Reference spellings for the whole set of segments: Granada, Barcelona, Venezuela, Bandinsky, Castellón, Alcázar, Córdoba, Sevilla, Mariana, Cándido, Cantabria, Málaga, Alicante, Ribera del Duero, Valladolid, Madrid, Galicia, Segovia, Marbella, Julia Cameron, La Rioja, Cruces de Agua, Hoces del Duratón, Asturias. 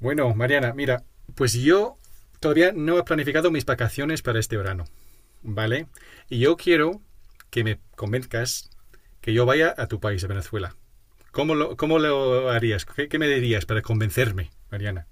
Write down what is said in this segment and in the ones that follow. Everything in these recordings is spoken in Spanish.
Bueno, Mariana, mira, pues yo todavía no he planificado mis vacaciones para este verano, ¿vale? Y yo quiero que me convenzcas que yo vaya a tu país, a Venezuela. ¿Cómo lo harías? ¿Qué me dirías para convencerme, Mariana?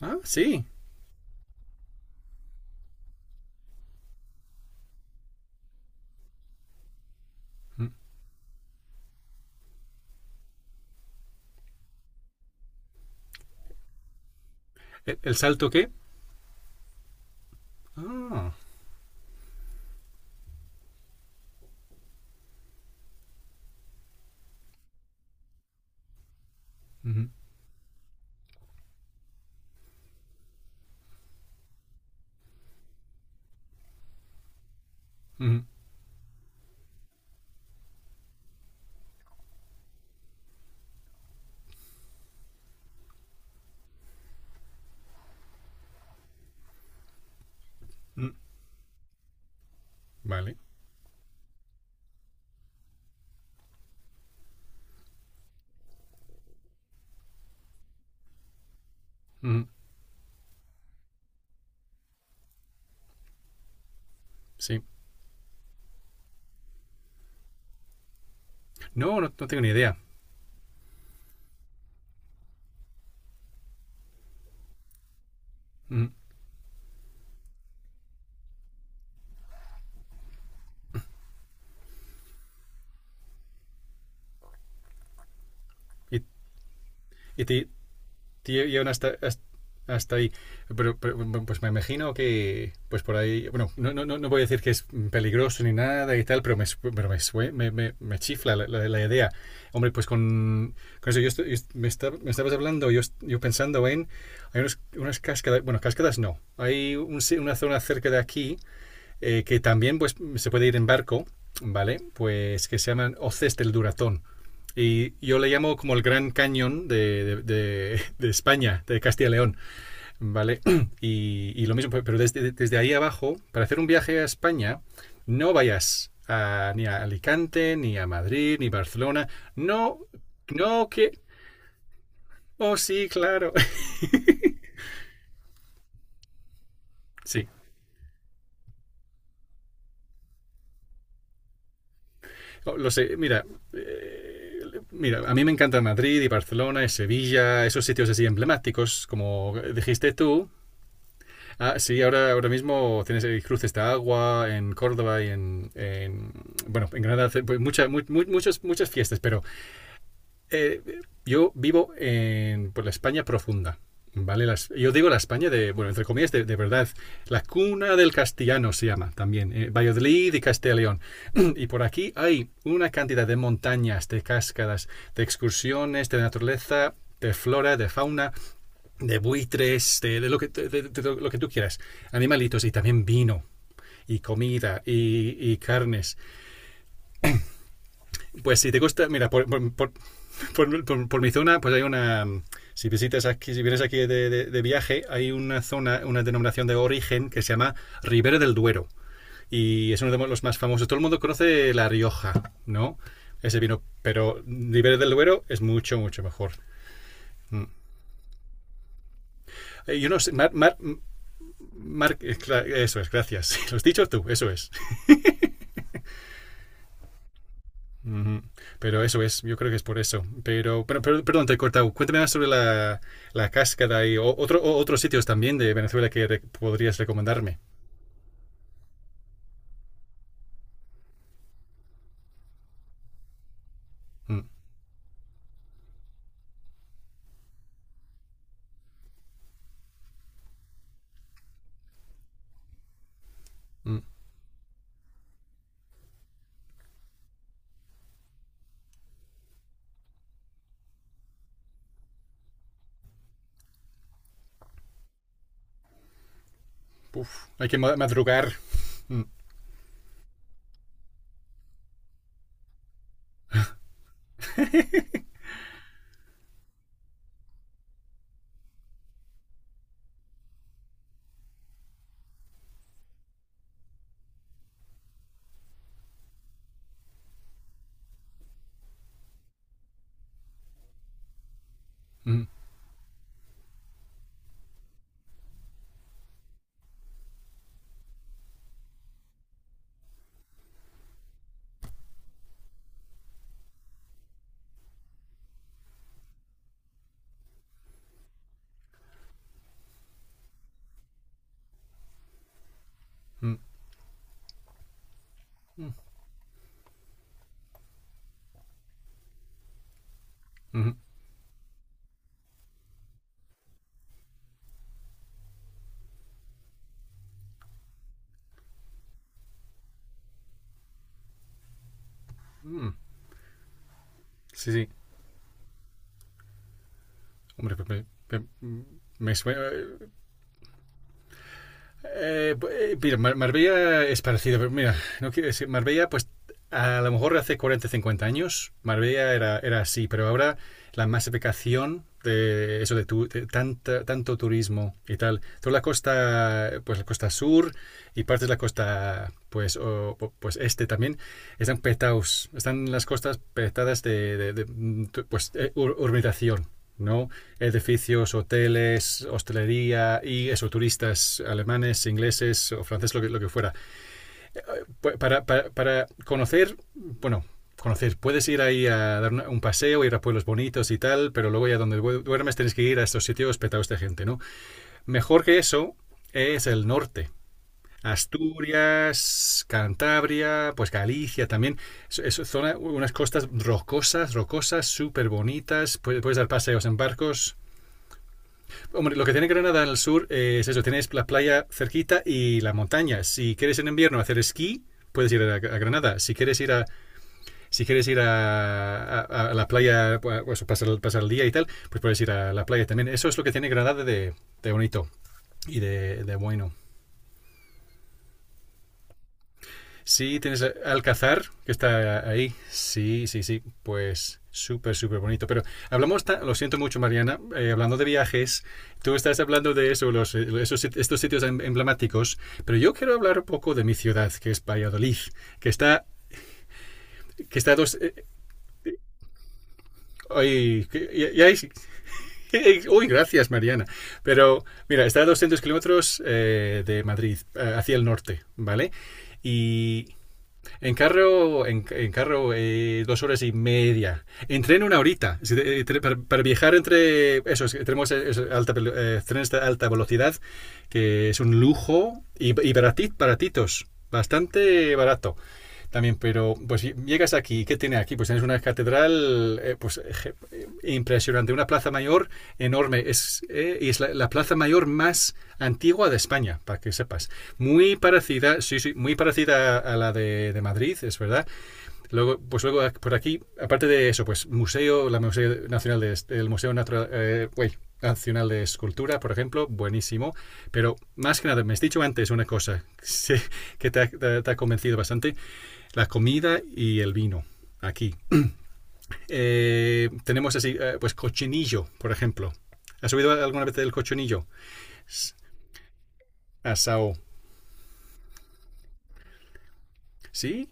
Ah, sí. ¿El salto qué? Ah. Ujú, ujú, ujú. Vale. Ujú. Sí. No, no, no tengo ni idea. Ujú. ¿Y, y te llevan hasta ahí? Pero, bueno, pues me imagino que, pues por ahí, bueno, no voy a decir que es peligroso ni nada y tal, pero me chifla la idea. Hombre, pues con eso, yo, me estabas hablando, yo pensando en, hay unas cascadas, bueno, cascadas no, hay un si- una zona cerca de aquí, que también pues se puede ir en barco, ¿vale? Pues que se llaman hoces del Duratón. Y yo le llamo como el Gran Cañón de España, de Castilla y León, ¿vale? Y lo mismo, pero desde ahí abajo. Para hacer un viaje a España, no vayas ni a Alicante, ni a Madrid, ni Barcelona. No, no que. Oh, sí, claro. Sí. Oh, lo sé, eh, mira, a mí me encanta Madrid y Barcelona y Sevilla, esos sitios así emblemáticos, como dijiste tú. Ah, sí, ahora mismo tienes el Cruces de Agua en Córdoba y bueno, en Granada, pues, muchas fiestas, pero eh, yo vivo en por la España profunda. ¿Vale? Yo digo la España de, bueno, entre comillas, de verdad. La cuna del castellano se llama también, Valladolid y Castellón y León. Y por aquí hay una cantidad de montañas, de cascadas, de excursiones, de naturaleza, de flora, de fauna, de buitres, de lo que tú quieras. Animalitos y también vino y comida y carnes. Pues si te gusta, mira, por mi zona, pues hay una. Si visitas aquí, si vienes aquí de viaje, hay una zona, una denominación de origen que se llama Ribera del Duero. Y es uno de los más famosos. Todo el mundo conoce La Rioja, ¿no? Ese vino. Pero Ribera del Duero es mucho, mucho mejor. Mm. Yo no sé, Mar- eh, eso es, gracias. Lo has dicho tú, eso es. Uh -huh. Pero eso es, yo creo que es por eso. Pero, pero perdón, te he cortado. Cuéntame más sobre la cascada y otros sitios también de Venezuela que re podrías recomendarme. Mm, mm. Uf, hay que madrugar. Mm, mm, mm, mm, mm. Sí, sí. Hombre, pues me, me suena. Eh, mira, Marbella es parecido, pero mira, no quiero decir, Marbella, pues a lo mejor hace 40, 50 años, Marbella era así, pero ahora la masificación de eso de tanto turismo y tal, toda la costa, pues la costa sur y partes de la costa, pues, o, pues este también, están petados, están las costas petadas de pues, urbanización. ¿No? Edificios, hoteles, hostelería y eso, turistas alemanes, ingleses o franceses, lo que fuera. Para conocer, bueno, conocer. Puedes ir ahí a dar un paseo, ir a pueblos bonitos y tal, pero luego ya donde duermes tienes que ir a estos sitios petados de gente, ¿no? Mejor que eso es el norte. Asturias, Cantabria, pues Galicia también. Es, zona, unas costas rocosas, rocosas, súper bonitas. Puedes dar paseos en barcos. Hombre, lo que tiene Granada al sur, es eso, tienes la playa cerquita y la montaña. Si quieres en invierno hacer esquí, puedes ir a Granada. Si quieres ir a la playa, pues pasar el día y tal, pues puedes ir a la playa también. Eso es lo que tiene Granada de bonito y de bueno. Sí, tienes Alcázar que está ahí. Sí, sí, sí. Pues súper, súper bonito. Pero hablamos, lo siento mucho, Mariana, hablando de viajes. Tú estás hablando de eso, estos sitios emblemáticos. Pero yo quiero hablar un poco de mi ciudad, que es Valladolid, que está que está dos... hoy, uy, gracias, Mariana. Pero mira, está a 200 kilómetros de Madrid, hacia el norte, ¿vale? Y en carro, en carro, 2 horas y media. En tren una horita. Si Para viajar entre esos, tenemos alta trenes de alta velocidad, que es un lujo y baratitos, bastante barato. También, pero pues si llegas aquí, ¿qué tiene aquí? Pues tienes una catedral, pues, impresionante, una plaza mayor enorme. Es la plaza mayor más antigua de España, para que sepas. Muy parecida, sí, sí, muy parecida a la de Madrid, es verdad. Luego, pues luego por aquí, aparte de eso, pues museo, la Museo Nacional de, el Museo Natural, Nacional de Escultura, por ejemplo, buenísimo. Pero más que nada, me has dicho antes una cosa sí, que te ha convencido bastante, la comida y el vino aquí. Tenemos así, pues cochinillo, por ejemplo. ¿Has oído alguna vez del cochinillo? S- Asao. ¿Sí?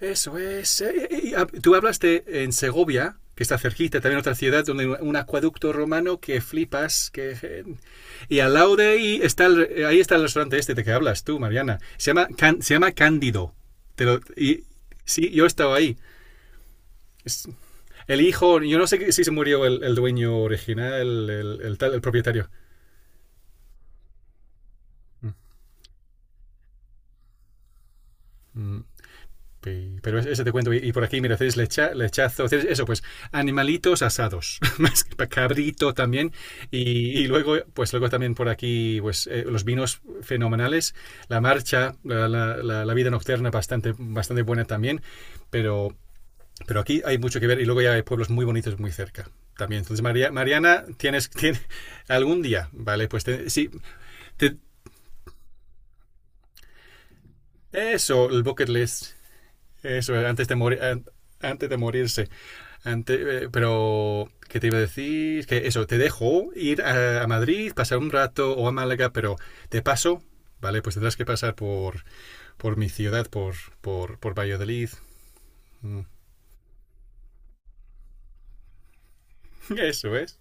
Eso es. Tú hablaste en Segovia, que está cerquita, también otra ciudad donde hay un acueducto romano que flipas. Que Y al lado de ahí está el restaurante este de que hablas tú, Mariana. Se llama Cándido. Y, sí, yo he estado ahí. El hijo, yo no sé si se murió el dueño original, el propietario. Mm. Mm. Pero ese te cuento. Y por aquí, mira, hacéis lechazo, hacéis eso, pues animalitos asados, más cabrito también. Y, y luego, pues luego también por aquí, pues los vinos fenomenales, la marcha, la vida nocturna bastante, bastante buena también. Pero, pero aquí hay mucho que ver y luego ya hay pueblos muy bonitos muy cerca también. Entonces, Mariana, tienes algún día, ¿vale? Pues te, sí, te, eso, el bucket list, eso, antes de morirse. Pero, ¿qué te iba a decir? Que eso, te dejo ir a Madrid, pasar un rato o a Málaga, pero de paso, ¿vale? Pues tendrás que pasar por mi ciudad, por Valladolid. Mm. Eso es.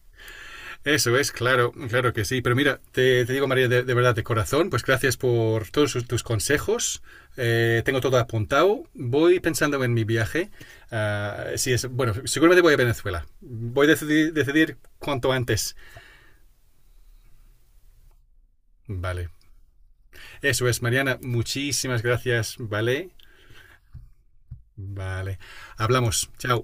Eso es, claro, claro que sí. Pero mira, te digo, María, de verdad, de corazón, pues gracias por todos tus consejos. Tengo todo apuntado. Voy pensando en mi viaje. Ah, sí, bueno, seguramente voy a Venezuela. Voy a decidir cuanto antes. Vale. Eso es, Mariana. Muchísimas gracias, ¿vale? Vale. Hablamos. Chao.